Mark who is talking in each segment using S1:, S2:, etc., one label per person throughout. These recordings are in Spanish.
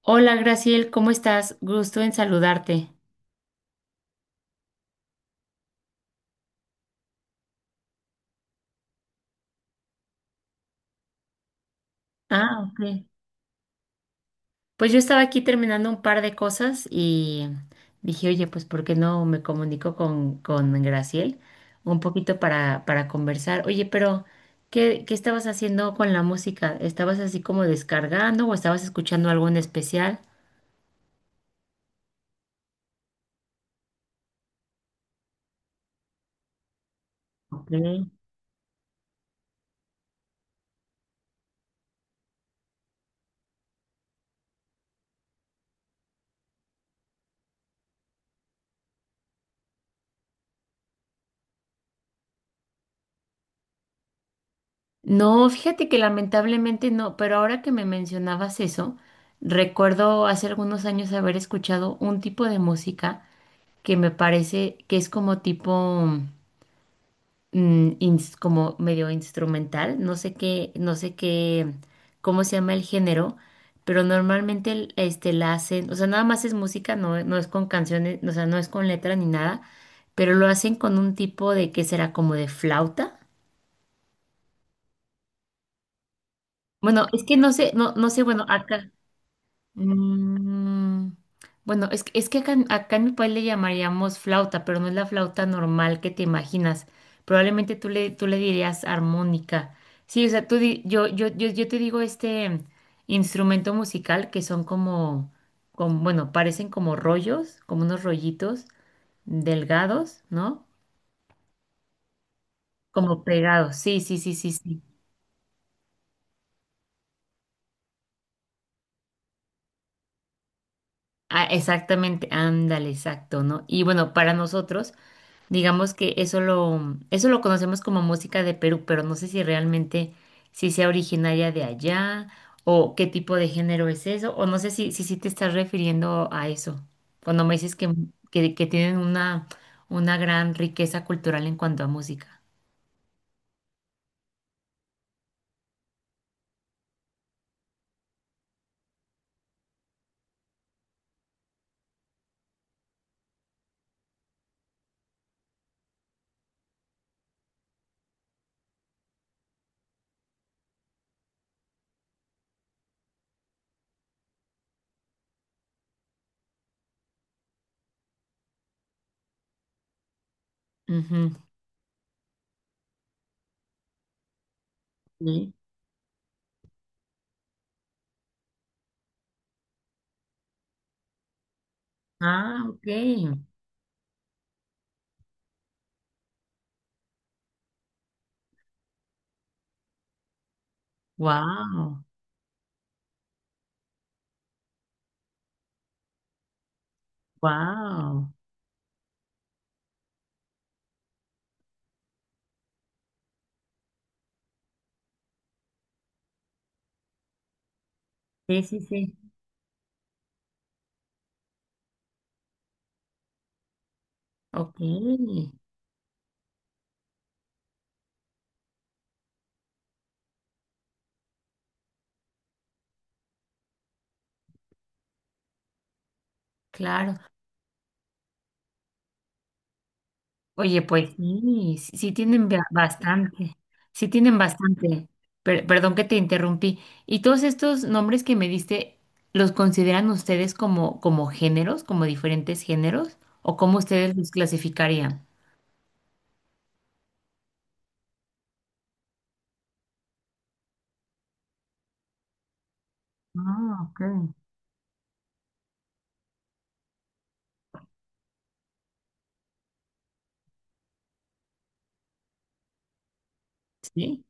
S1: Hola, Graciel, ¿cómo estás? Gusto en saludarte. Ah, ok. Pues yo estaba aquí terminando un par de cosas y dije, oye, pues ¿por qué no me comunico con Graciel un poquito para conversar? Oye, pero ¿qué estabas haciendo con la música? ¿Estabas así como descargando o estabas escuchando algo en especial? Ok. No, fíjate que lamentablemente no, pero ahora que me mencionabas eso, recuerdo hace algunos años haber escuchado un tipo de música que me parece que es como tipo, como medio instrumental, no sé qué, no sé qué, cómo se llama el género, pero normalmente la hacen, o sea, nada más es música, no es con canciones, o sea, no es con letra ni nada, pero lo hacen con un tipo de que será como de flauta. Bueno, es que no sé, no sé, bueno, acá. Mm, bueno, es que acá en mi país le llamaríamos flauta, pero no es la flauta normal que te imaginas. Probablemente tú le dirías armónica. Sí, o sea, yo te digo este instrumento musical que son como, como, bueno, parecen como rollos, como unos rollitos delgados, ¿no? Como pegados. Sí, sí, sí, sí, sí. Ah, exactamente, ándale, exacto, ¿no? Y bueno, para nosotros. Digamos que eso lo conocemos como música de Perú, pero no sé si realmente si sea originaria de allá o qué tipo de género es eso, o no sé si, si, sí te estás refiriendo a eso, cuando me dices que tienen una gran riqueza cultural en cuanto a música. Ujú. Sí. Ah, ok. Wow, wow. Sí, sí, sí. Ok, claro. Oye, pues sí, sí tienen ba- bastante, sí tienen bastante. Per- perdón que te interrumpí. ¿Y todos estos nombres que me diste, los consideran ustedes como, como géneros, como diferentes géneros? ¿O cómo ustedes los clasificarían? Ah, ok. Sí,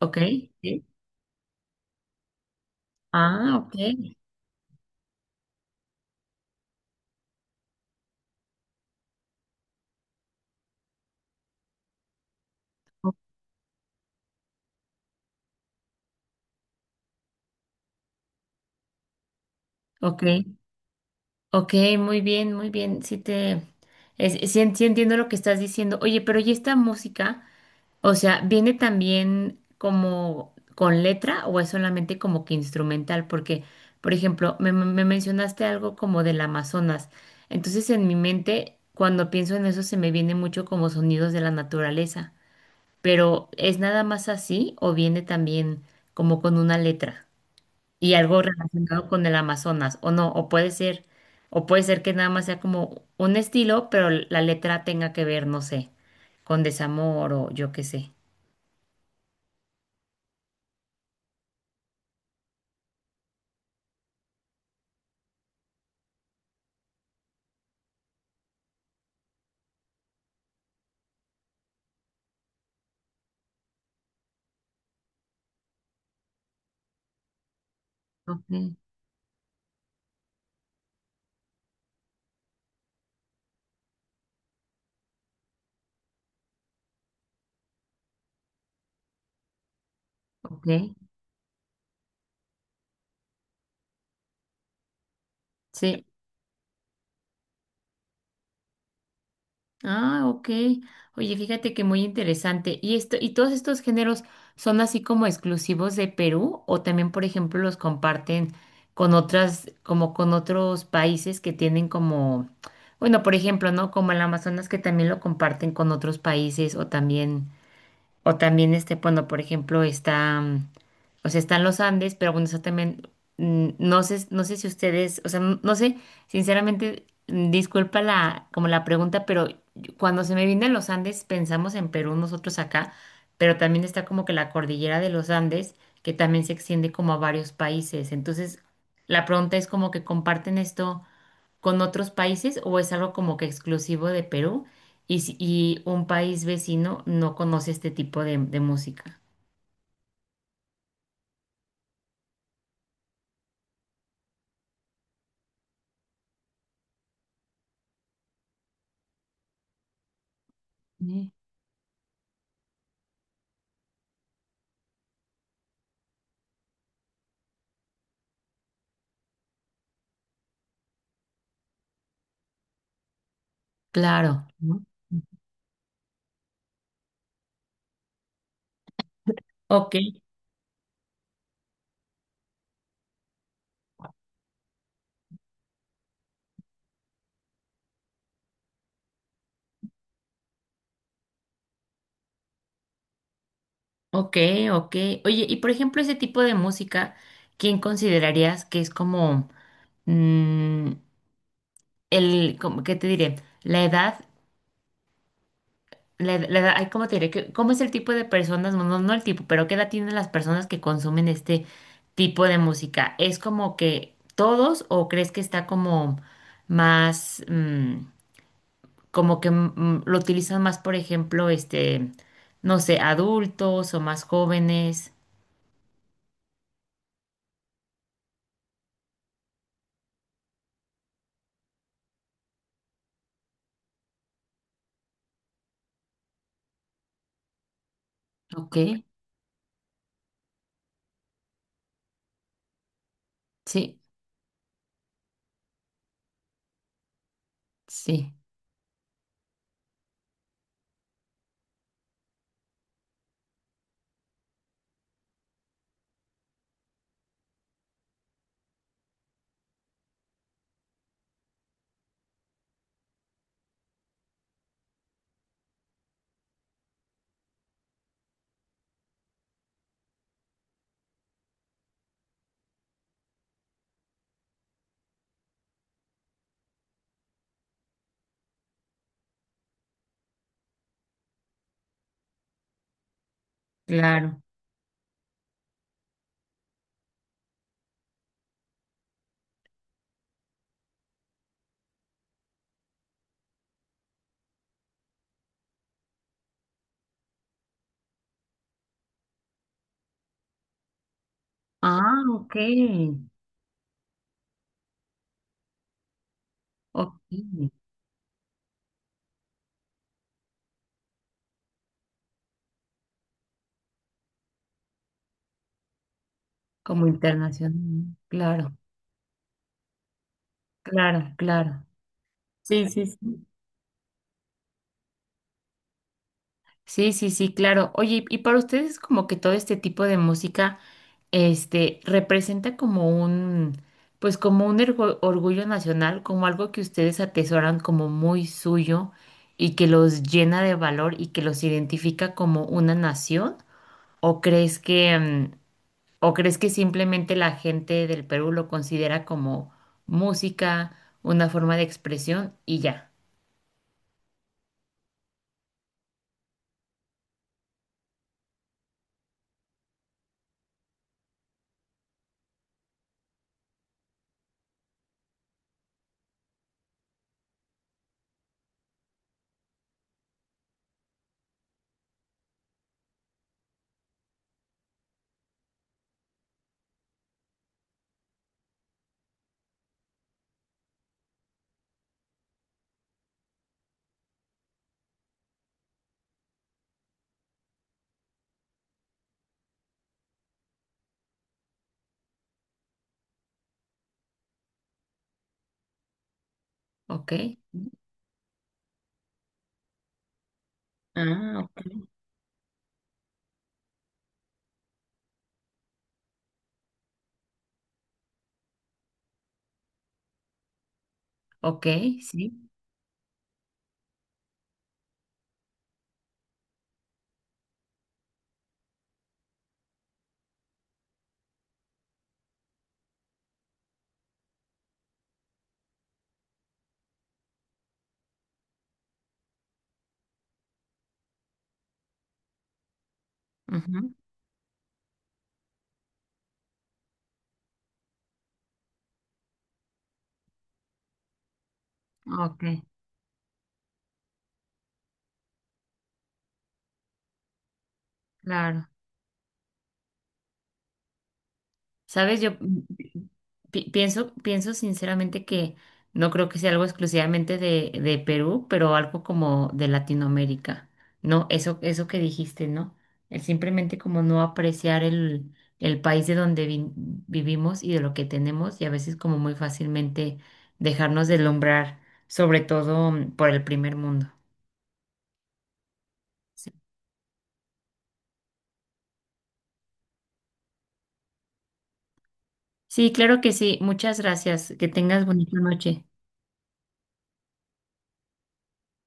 S1: ok, sí. Ah, ok. o- Ok, ok, muy bien, muy bien. Sí te, es- sí en- sí entiendo lo que estás diciendo. Oye, pero ¿y esta música? O sea, ¿viene también como con letra o es solamente como que instrumental? Porque, por ejemplo, me mencionaste algo como del Amazonas. Entonces, en mi mente, cuando pienso en eso, se me viene mucho como sonidos de la naturaleza. Pero, ¿es nada más así o viene también como con una letra y algo relacionado con el Amazonas? O no, o puede ser que nada más sea como un estilo, pero la letra tenga que ver, no sé, con desamor o yo qué sé. Ok, ok, sí. Ah, ok. Oye, fíjate que muy interesante. ¿Y esto, y todos estos géneros son así como exclusivos de Perú o también, por ejemplo, los comparten con otras, como con otros países que tienen como, bueno, por ejemplo, ¿no? Como el Amazonas que también lo comparten con otros países o también. O también, este, bueno, por ejemplo, está, o sea, están los Andes, pero bueno, eso también, no sé, no sé si ustedes, o sea, n- no sé, sinceramente, disculpa la, como la pregunta, pero yo- cuando se me vienen los Andes, pensamos en Perú, nosotros acá, pero también está como que la cordillera de los Andes, que también se extiende como a varios países. Entonces, la pregunta es como que comparten esto con otros países o es algo como que exclusivo de Perú y, si- y un país vecino no conoce este tipo de música? Mm. Claro. ¿No? Ok, ok, ok. Oye, y por ejemplo, ese tipo de música, ¿quién considerarías que es como mm, el, como, ¿qué te diré? La edad. La, ed- la ay, ¿cómo te diré? ¿Qué- ¿Cómo es el tipo de personas? No, no, no el tipo, pero ¿qué edad tienen las personas que consumen este tipo de música? ¿Es como que todos o crees que está como más, como que lo utilizan más, por ejemplo, este, no sé, adultos o más jóvenes? Ok, sí, sí. Claro. Ah, ok. Ok, como internacional. Claro, claro, claro. Sí, sí, sí. Sí, sí, sí, claro. Oye, y para ustedes como que todo este tipo de música, este, representa como un, pues como un ergo- orgullo nacional, como algo que ustedes atesoran como muy suyo y que los llena de valor y que los identifica como una nación, ¿o crees que, o crees que simplemente la gente del Perú lo considera como música, una forma de expresión y ya? ¿Ok? Ah, ok. ¿Ok? Sí. Ok, claro. Sabes, yo pienso sinceramente que no creo que sea algo exclusivamente de Perú, pero algo como de Latinoamérica. No, eso que dijiste, ¿no? El simplemente como no apreciar el país de donde vi- vivimos y de lo que tenemos, y a veces como muy fácilmente dejarnos deslumbrar, sobre todo por el primer mundo. Sí, sí, claro que sí. Muchas gracias. Que tengas bonita noche.